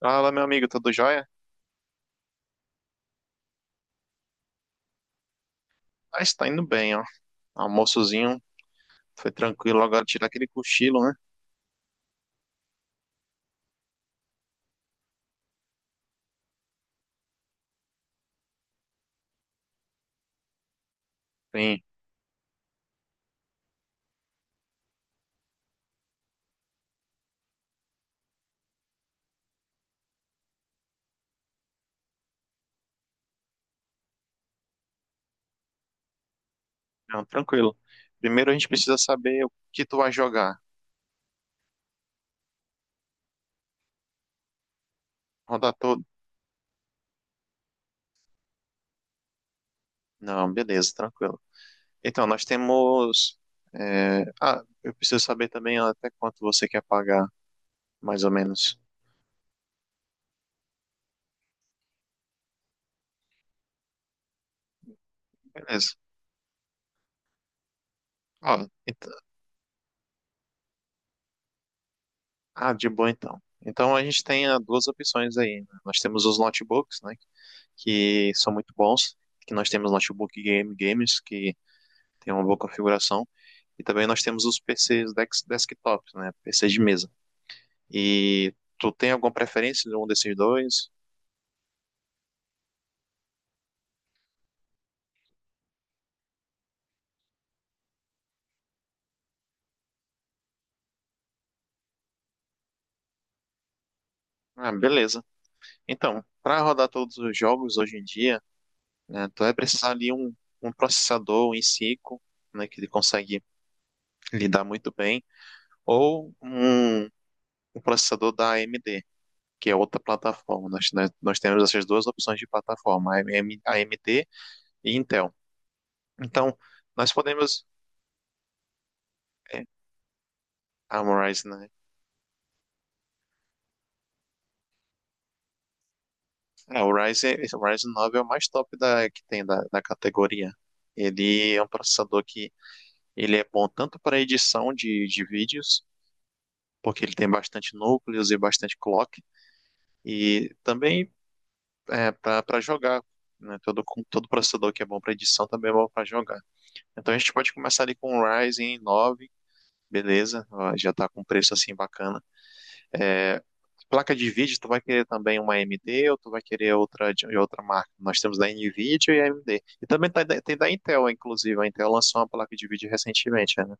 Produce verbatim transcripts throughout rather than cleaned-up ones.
Fala, meu amigo, tudo jóia? Ah, está indo bem, ó. Almoçozinho, foi tranquilo. Agora tirar aquele cochilo, né? Sim, não, tranquilo. Primeiro a gente precisa saber o que tu vai jogar. Rodar todo. Não, beleza, tranquilo. Então, nós temos. é, Ah, eu preciso saber também até quanto você quer pagar, mais ou menos. Beleza. Ó, então- Ah, de boa então. Então a gente tem ah, duas opções aí, né? Nós temos os notebooks, né? Que são muito bons. Que nós temos notebook game games que tem uma boa configuração. E também nós temos os P Cs dex- desktops, né? P Cs de mesa. E tu tem alguma preferência de um desses dois? Ah, beleza. Então, para rodar todos os jogos hoje em dia, né, tu vai precisar ali um, um processador em cinco, né, que ele consegue lidar muito bem, ou um, um processador da A M D, que é outra plataforma. Nós, nós, nós temos essas duas opções de plataforma, AM- A M D e Intel. Então, nós podemos. É, Amorize, né? É, o Ryzen, o Ryzen nove é o mais top da, que tem da, da categoria. Ele é um processador que ele é bom tanto para edição de, de vídeos, porque ele tem bastante núcleos e bastante clock, e também é, para jogar. Né? Todo, com- todo processador que é bom para edição também é bom para jogar. Então a gente pode começar ali com o Ryzen nove, beleza? Ó, já está com um preço assim bacana. É, Placa de vídeo, tu vai querer também uma A M D ou tu vai querer outra de de outra marca? Nós temos da Nvidia e A M D. E também tá da- tem da Intel, inclusive. A Intel lançou uma placa de vídeo recentemente, né?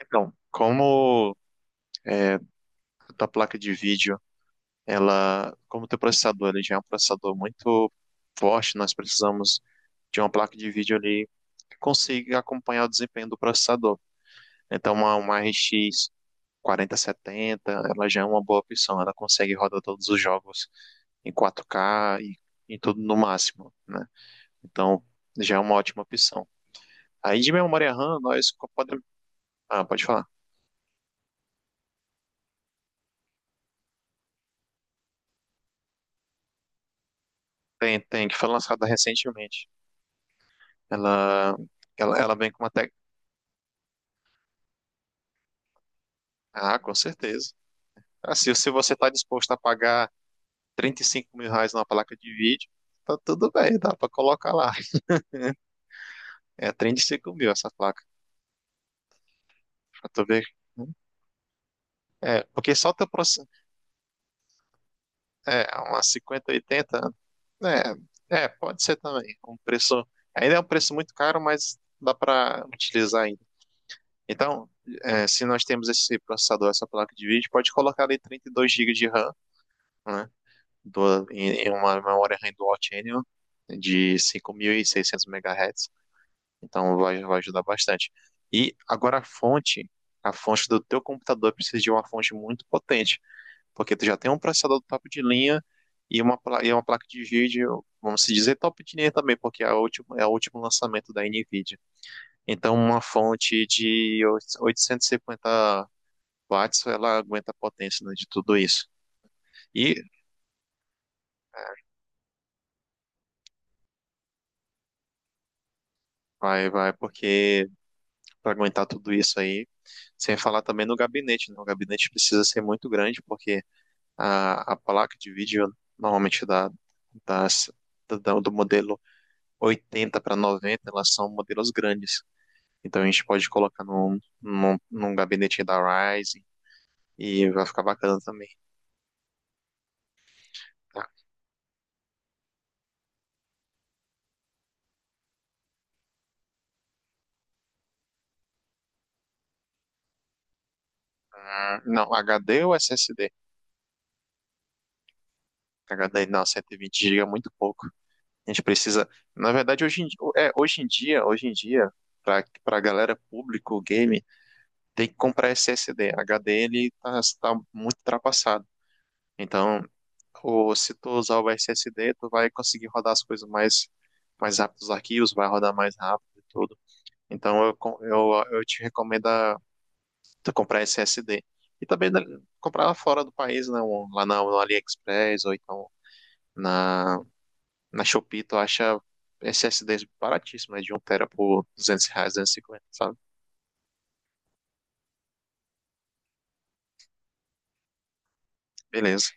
Então, como é, da placa de vídeo, ela, como o teu processador, ele já é um processador muito forte, nós precisamos de uma placa de vídeo ali que consiga acompanhar o desempenho do processador. Então, uma, uma R X quarenta setenta ela já é uma boa opção. Ela consegue rodar todos os jogos em quatro k e em tudo no máximo, né? Então, já é uma ótima opção. Aí de memória RAM, nós co- podemos. Ah, pode falar. Tem, tem, que foi lançada recentemente. Ela, ela, ela vem com uma tec... Ah, com certeza. Ah, se, se você está disposto a pagar trinta e cinco mil reais numa placa de vídeo, tá tudo bem, dá para colocar lá. É trinta e cinco mil essa placa, pra tu ver, né? É, porque só teu, É, umas cinquenta oitenta. É, é, pode ser também. Um preço, ainda é um preço muito caro, mas dá para utilizar ainda. Então, é, se nós temos esse processador, essa placa de vídeo, pode colocar ali trinta e dois gigas de RAM, né? Do, em, em uma memória RAM Dual Channel de cinco mil e seiscentos megahertz. Então, vai, vai ajudar bastante. E agora a fonte, a fonte do teu computador precisa de uma fonte muito potente porque tu já tem um processador top de linha e uma, pla- e uma placa de vídeo, vamos se dizer top de linha também, porque é a última, é o último lançamento da NVIDIA. Então, uma fonte de oitocentos e cinquenta watts, ela aguenta a potência, né, de tudo isso. E vai, vai, porque para aguentar tudo isso aí, sem falar também no gabinete, né? O gabinete precisa ser muito grande, porque a, a placa de vídeo, normalmente da, das, da- do modelo oitenta para noventa, elas são modelos grandes. Então a gente pode colocar num, num, num gabinete da Ryzen e vai ficar bacana também. Tá? Ah, não, HD ou SSD? HD não, cento e vinte gigas é muito pouco. A gente precisa, na verdade, hoje em, di- é, hoje em dia, hoje em dia, para para galera público game, tem que comprar S S D. H D ele tá, tá muito ultrapassado. Então, o, se tu usar o S S D, tu vai conseguir rodar as coisas mais mais rápido, os arquivos vai rodar mais rápido e tudo. Então, eu, con- eu, eu te recomendo a tu comprar S S D. E também né, comprar fora do país, né? um- Lá na, no AliExpress ou então na, na Shopee, tu acha S S Ds baratíssimo, né? De um tera por duzentos reais, duzentos e cinquenta, sabe? Beleza.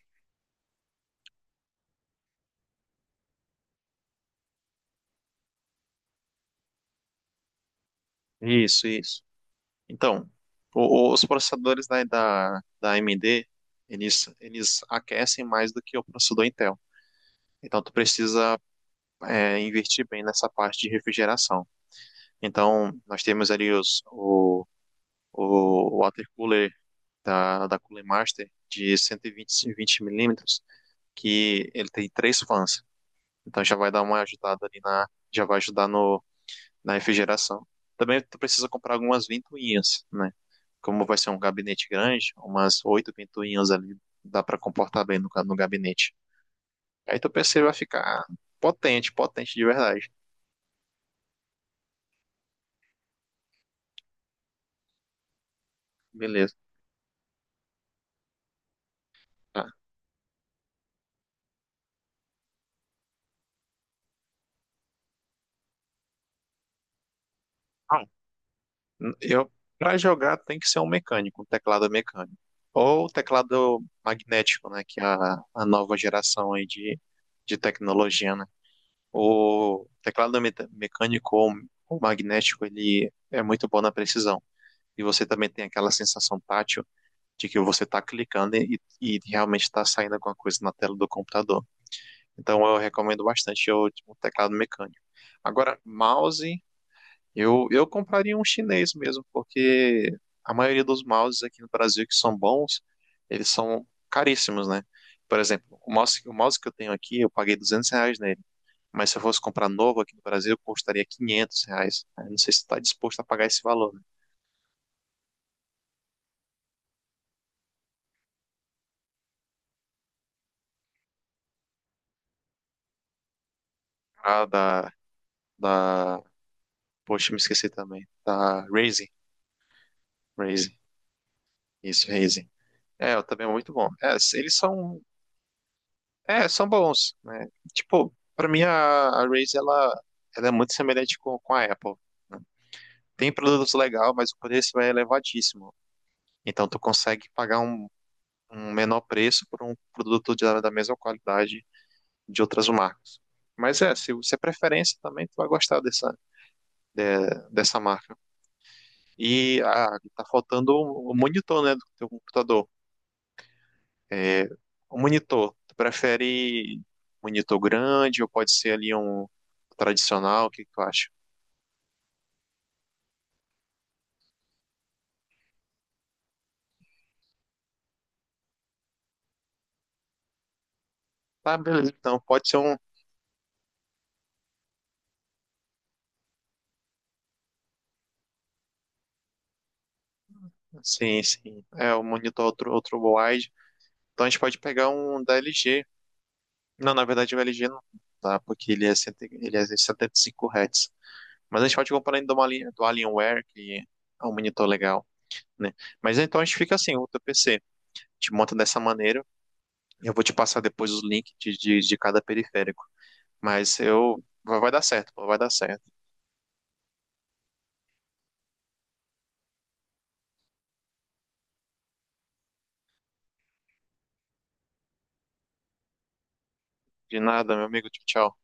Isso, isso. Então, o- o- os processadores da, da, da A M D, eles, eles aquecem mais do que o processador Intel. Então, tu precisa é, investir bem nessa parte de refrigeração. Então, nós temos ali os, o, o water cooler da, da Cooler Master de cento e vinte milímetros, que ele tem três fãs. Então já vai dar uma ajudada ali na, Já vai ajudar no, na refrigeração. Também tu precisa comprar algumas ventoinhas, né? Como vai ser um gabinete grande, umas oito ventoinhas ali dá para comportar bem no, no gabinete. Aí tu P C vai ficar potente, potente de verdade. Beleza. Tá. Ah, Eu, para jogar tem que ser um mecânico, um teclado mecânico. Ou teclado magnético, né? Que é a, a nova geração aí de, de tecnologia, né? O teclado me- mecânico ou ou magnético, ele é muito bom na precisão. E você também tem aquela sensação tátil de que você está clicando e, e realmente está saindo alguma coisa na tela do computador. Então eu recomendo bastante o, o teclado mecânico. Agora, mouse eu, eu compraria um chinês mesmo, porque a maioria dos mouses aqui no Brasil que são bons, eles são caríssimos, né? Por exemplo, o mouse, o mouse que eu tenho aqui, eu paguei duzentos reais nele. Mas se eu fosse comprar novo aqui no Brasil, custaria quinhentos reais. Eu não sei se está disposto a pagar esse valor, né? Ah, da, da... Poxa, me esqueci também. Da Razer. Razer. Isso, Razer. É, eu também é muito bom. É, eles são É, são bons, né? Tipo, pra mim a, a Razer, ela, ela é muito semelhante com, com a Apple, né? Tem produtos legais, mas o preço é elevadíssimo. Então tu consegue pagar um, um menor preço por um produto de, da mesma qualidade de outras marcas. Mas é, se você é preferência também, tu vai gostar dessa, de- dessa marca. E ah, tá faltando o o monitor, né, do teu computador. O monitor, tu prefere monitor grande ou pode ser ali um tradicional? O que que tu acha? Tá, beleza. Então, pode ser um. Sim, sim. É, o monitor outro, outro, wide. Então, a gente pode pegar um da L G. Não, na verdade, o L G não dá, porque ele é, setenta ele é setenta e cinco Hz. Mas a gente pode comprar ainda uma linha do Alienware, que é um monitor legal, né? Mas então a gente fica assim: o teu P C. Te monta dessa maneira. Eu vou te passar depois os links de, de de cada periférico. Mas eu. Vai vai dar certo, pô, vai dar certo. De nada, meu amigo. Tchau, tchau.